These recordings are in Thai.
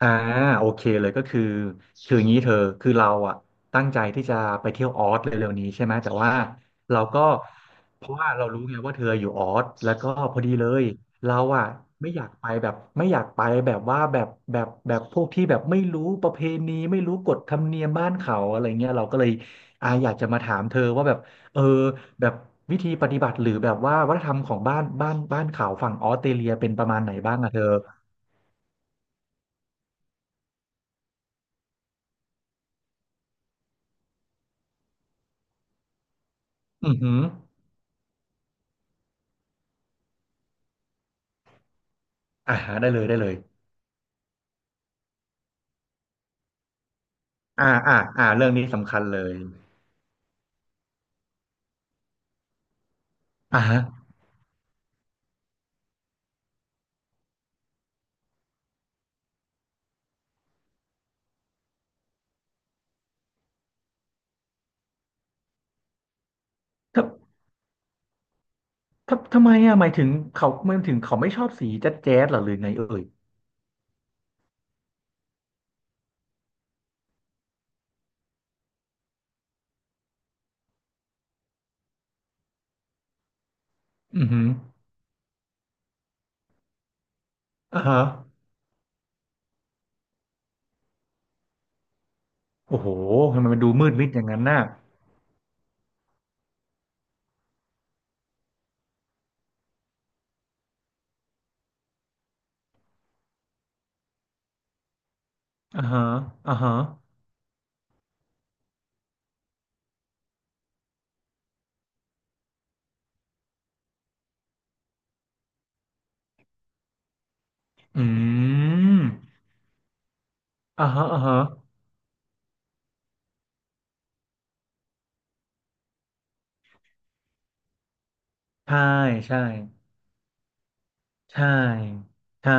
อ่าโอเคเลยก็คือคืออย่างนี้เธอคือเราอ่ะตั้งใจที่จะไปเที่ยวออสเร็วๆนี้ใช่ไหมแต่ว่าเราก็เพราะว่าเรารู้ไงว่าเธออยู่ออสแล้วก็พอดีเลยเราอ่ะไม่อยากไปแบบไม่อยากไปแบบว่าแบบแบบพวกที่แบบไม่รู้ประเพณีไม่รู้กฎธรรมเนียมบ้านเขาอะไรเงี้ยเราก็เลยอยากจะมาถามเธอว่าแบบเออแบบวิธีปฏิบัติหรือแบบว่าวัฒนธรรมของบ้านเขาฝั่งออสเตรเลียเป็นประมาณไหนบ้างอะเธออือหือ อ่าฮะได้เลยได้เลยอ่าเรื่องนี้สำคัญเลยอ่าฮะททำไมอ่ะหมายถึงเขามันถึงเขาไม่ชอบสีแจ๊ดแจ๊ดหรอหรือไงเอ่ยอือหืออ่าฮะโอ้โหทำไมมันดูมืดมิดอย่างนั้นน่ะอ่าฮะอ่าฮะอืมอ่าฮะอ่าฮะใช่ใช่ใช่ใช่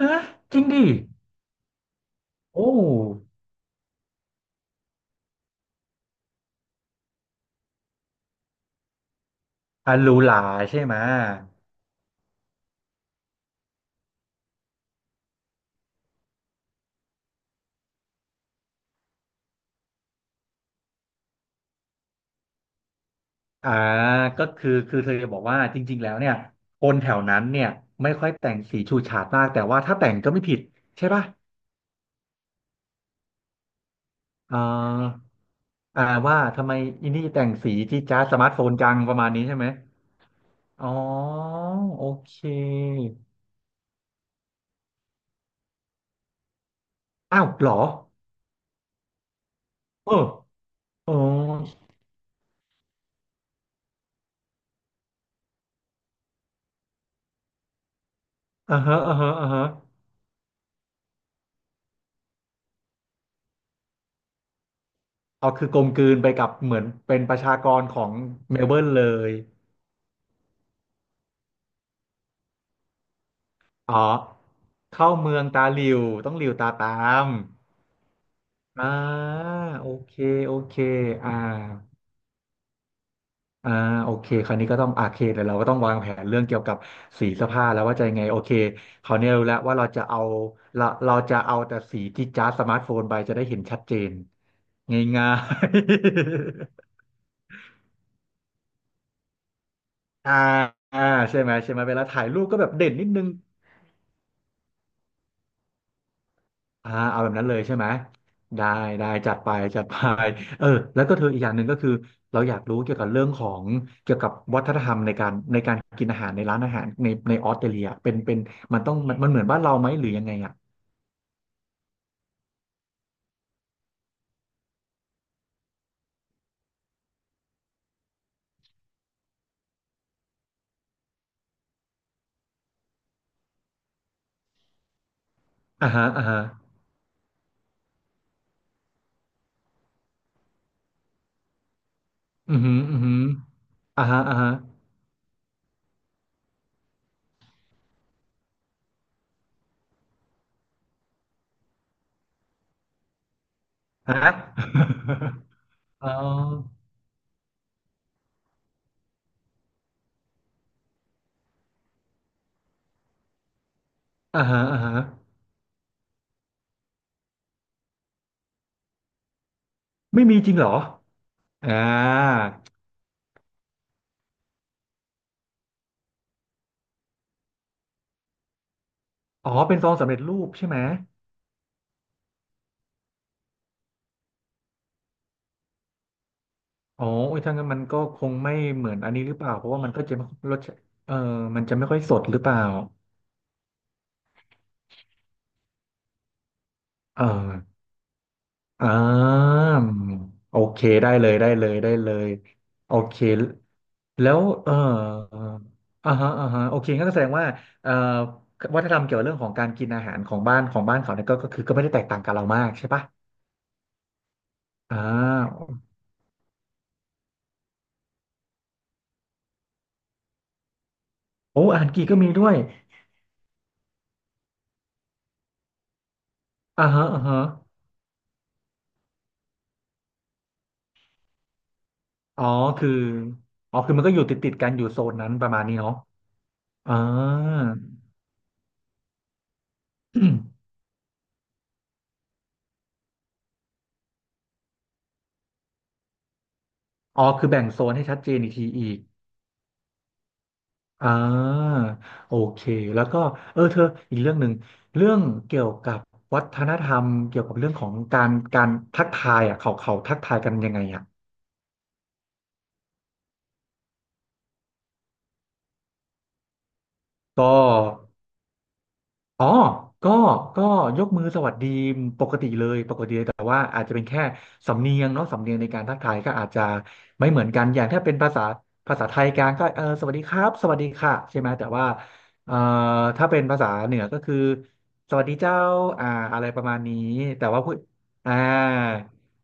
ฮะจริงดิโอ้ฮัลลหลาใช่ไหม อ่าก็คือคือเธอจะบอกว่าจริงๆแล้วเนี่ยคนแถวนั้นเนี่ยไม่ค่อยแต่งสีฉูดฉาดมากแต่ว่าถ้าแต่งก็ไม่ผิดใช่ป่ะอ่าอ่าว่าทำไมอินนี่แต่งสีจี๊ดจ๊าดสมาร์ทโฟนจังประมาณนี้ใช่ไหมอ๋อโอเคอ้าวเหรอเอออ๋ออ่าฮะอ่าฮะอ่าฮะเอาคือกลมกลืนไปกับเหมือนเป็นประชากรของเมลเบิร์นเลยอ๋อเข้าเมืองตาหลิวต้องหลิวตาตาม อ่าโอเคโอเคอ่าอ่าโอเคคราวนี้ก็ต้องอาเคแต่เดี๋ยวเราก็ต้องวางแผนเรื่องเกี่ยวกับสีเสื้อผ้าแล้วว่าจะยังไงโอเคคราวนี้รู้แล้วว่าเราจะเอาเราจะเอาแต่สีที่จ้าสมาร์ทโฟนไปจะได้เห็นชัดเจนง่ายๆ อ่าอ่าใช่ไหมใช่ไหมเวลาถ่ายรูปก็แบบเด่นนิดนึง อ่าเอาแบบนั้นเลยใช่ไหมได้ได้จัดไปจัดไปเออแล้วก็เธออีกอย่างหนึ่งก็คือเราอยากรู้เกี่ยวกับเรื่องของเกี่ยวกับวัฒนธรรมในการกินอาหารในร้านอาหารในออสเตรเลียเป็นเป็นมันมันเหมือนบ้านเราไหมหรือยังไงอ่ะอ่าฮะอ่าฮะอือหืออือหืออ่าฮะอ่าฮะฮะ อ๋ออ่าฮะอ่าฮะไม่มีจริงเหรออ่าอ๋อเป็นซองสำเร็จรูปใช่ไหม อ๋ออุ้ยถ้างั้นมันก็คงไม่เหมือนอันนี้หรือเปล่าเพราะว่ามันก็จะไม่รสชาติเออมันจะไม่ค่อยสดหรือเปล่าเอออ่าโอเคได้เลยได้เลยได้เลยโอเคแล้วเอออ่าฮะอ่าฮะโอเคงั้นก็แสดงว่าเอ่อวัฒนธรรมเกี่ยวกับเรื่องของการกินอาหารของบ้านเขาเนี่ยก็ก็คือก็ไม่ได้แตกต่างกับเรามากใช่ปะอ่าโอ้อาหารกีก็มีด้วยอ่าฮะอ่าฮะอ๋อคืออ๋อคือมันก็อยู่ติดติดกันอยู่โซนนั้นประมาณนี้เนาะ อ่า อ๋อคือแบ่งโซนให้ชัดเจนอีกทีอีกอ่าโอเคแล้วก็เออเธออีกเรื่องหนึ่งเรื่องเกี่ยวกับวัฒนธรรมเกี่ยวกับเรื่องของการทักทายอ่ะเขาเขาทักทายกันยังไงอ่ะก็ อ๋อก็ก็ยกมือสวัสดีปกติเลยปกติเลยแต่ว่าอาจจะเป็นแค่สำเนียงเนาะสำเนียงในการทักทายก็อาจจะไม่เหมือนกันอย่างถ้าเป็นภาษาไทยกลางก็เออสวัสดีครับสวัสดีค่ะใช่ไหมแต่ว่าเอ่อถ้าเป็นภาษาเหนือก็คือสวัสดีเจ้าอ่าอะไรประมาณนี้แต่ว่าผู้อ่า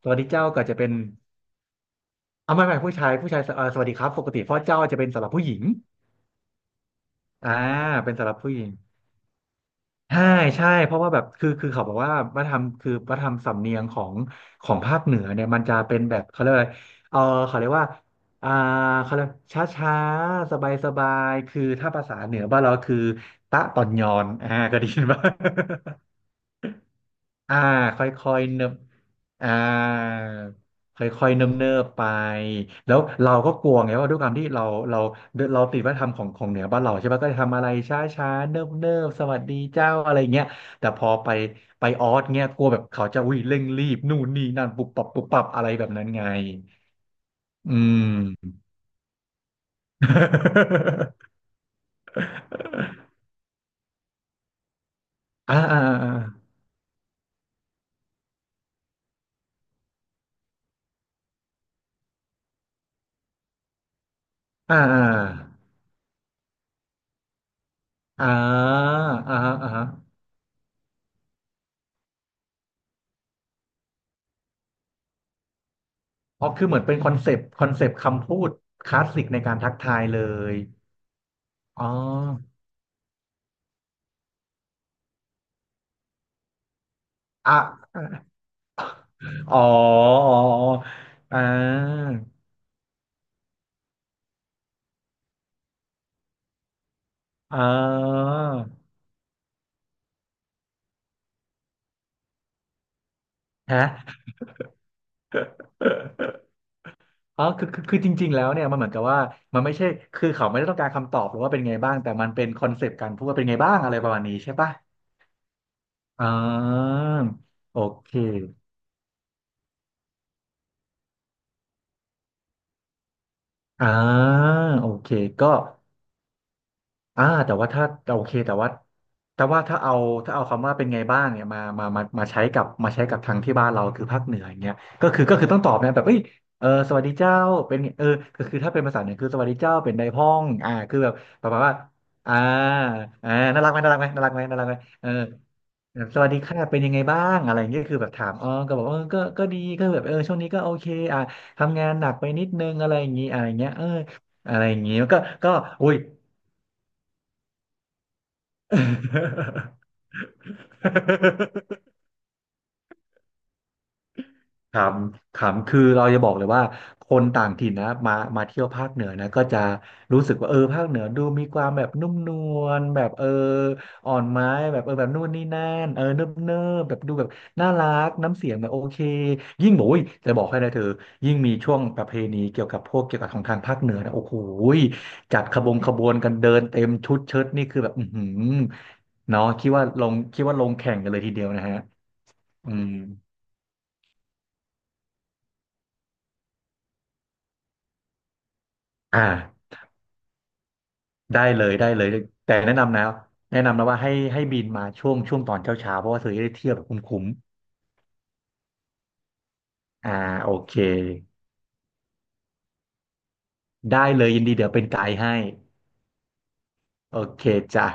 สวัสดีเจ้าก็จะเป็นเอาไม่ไม่ผู้ชายผู้ชายสวัสดีครับปกติเพราะเจ้าจะเป็นสำหรับผู้หญิงอ่าเป็นสำหรับผู้หญิง ใช่ใช่เพราะว่าแบบคือคือเขาบอกว่าวัฒนธรรมคือวัฒนธรรมสำเนียงของภาคเหนือเนี่ยมันจะเป็นแบบเขาเรียกว่าอะไรเออเขาเรียกว่าอ่าเขาเรียกช้าช้าสบายสบายๆคือถ้าภาษาเหนือบ้านเราคือตะตอนยอนอ่าก็ไดีนป่ะ อ่าค่อยๆเนิบอ่าค่อยๆเนิบๆไปแล้วเราก็กลัวไงว่าด้วยความที่เราเราเราติดวัฒนธรรมของเหนือบ้านเราใช่ปะก็จะทำอะไรช้าๆเนิบๆสวัสดีเจ้าอะไรเงี้ยแต่พอไปไปออสเงี้ยกลัวแบบเขาจะวิ่งเร่งรีบนู่นนี่นั่นปุบปับปุบปับอะไรแบบนั้นไงอืม อ่าอ่าอ่าอ่าอ่าอ่าอ่าอ่า อ๋อคือเหมือนเป็นคอนเซปต์คอนเซปต์คำพูดคลาสสิกในการทักทายเลยอ๋ออ่ะอ๋ออ๋ออ๋ออ่าอ่าฮะ อ๋อคือจริงๆแล้วเนี่ยมันเหมือนกับว่ามันไม่ใช่คือเขาไม่ได้ต้องการคำตอบหรือว่าเป็นไงบ้างแต่มันเป็นคอนเซปต์การพูดว่าเป็นไงบ้างอะไรประมาณนี้ใช่ปะอ่าโอเคอ่าโอเคก็ แต่ว่าถ้าโอเคแต่ว่าถ้าเอาถ้าเอาคำว่าเป็นไงบ้างเนี่ยมาใช้กับมาใช้กับทางที่บ้านเราคือภาคเหนืออย่างเงี้ยก็คือต้องตอบนะแบบเอ้ยเออสวัสดีเจ้าเป็นไงเออก็คือถ้าเป็นภาษาเหนือคือสวัสดีเจ้าเป็นไดพ้องคือแบบประมาณว่าอ่าอ่าน่ารักไหมน่ารักไหมน่ารักไหมน่ารักไหมเออแบบสวัสดีค่ะเป็นยังไงบ้างอะไรอย่างเงี้ยคือแบบถามอ๋อก็บอกเออก็ดีก็แบบเออช่วงนี้ก็โอเคอ่าทำงานหนักไปนิดนึงอะไรอย่างงี้อะไรอย่างเงี้ยเอออะไรอย่างงี้มันก็ก็อุ้ย เออ ขำขำคือเราจะบอกเลยว่าคนต่างถิ่นนะมามาเที่ยวภาคเหนือนะก็จะรู้สึกว่าเออภาคเหนือดูมีความแบบนุ่มนวลแบบเอออ่อนไม้แบบเออแบบนู่นนี่นั่นเออเนิบเนิบแบบดูแบบน่ารักน้ำเสียงแบบโอเคยิ่งบอกอุ้ยจะบอกให้นะเธอยิ่งมีช่วงประเพณีเกี่ยวกับพวกเกี่ยวกับของทางภาคเหนือนะโอ้โหยจัดขบงขบวนกันเดินเต็มชุดเชิ้ตนี่คือแบบอือหือเนาะคิดว่าลงคิดว่าลงแข่งกันเลยทีเดียวนะฮะอืมอ่า ได้เลยได้เลยแต่แนะนำนะแนะนำนะว่าให้บินมาช่วงช่วงตอนเช้าเช้าเพราะว่าเธอจะได้เที่ยวแบบคุ้มๆอ่าโอเคได้เลยยินดีเดี๋ยวเป็นไกด์ให้โอเคจ้ะ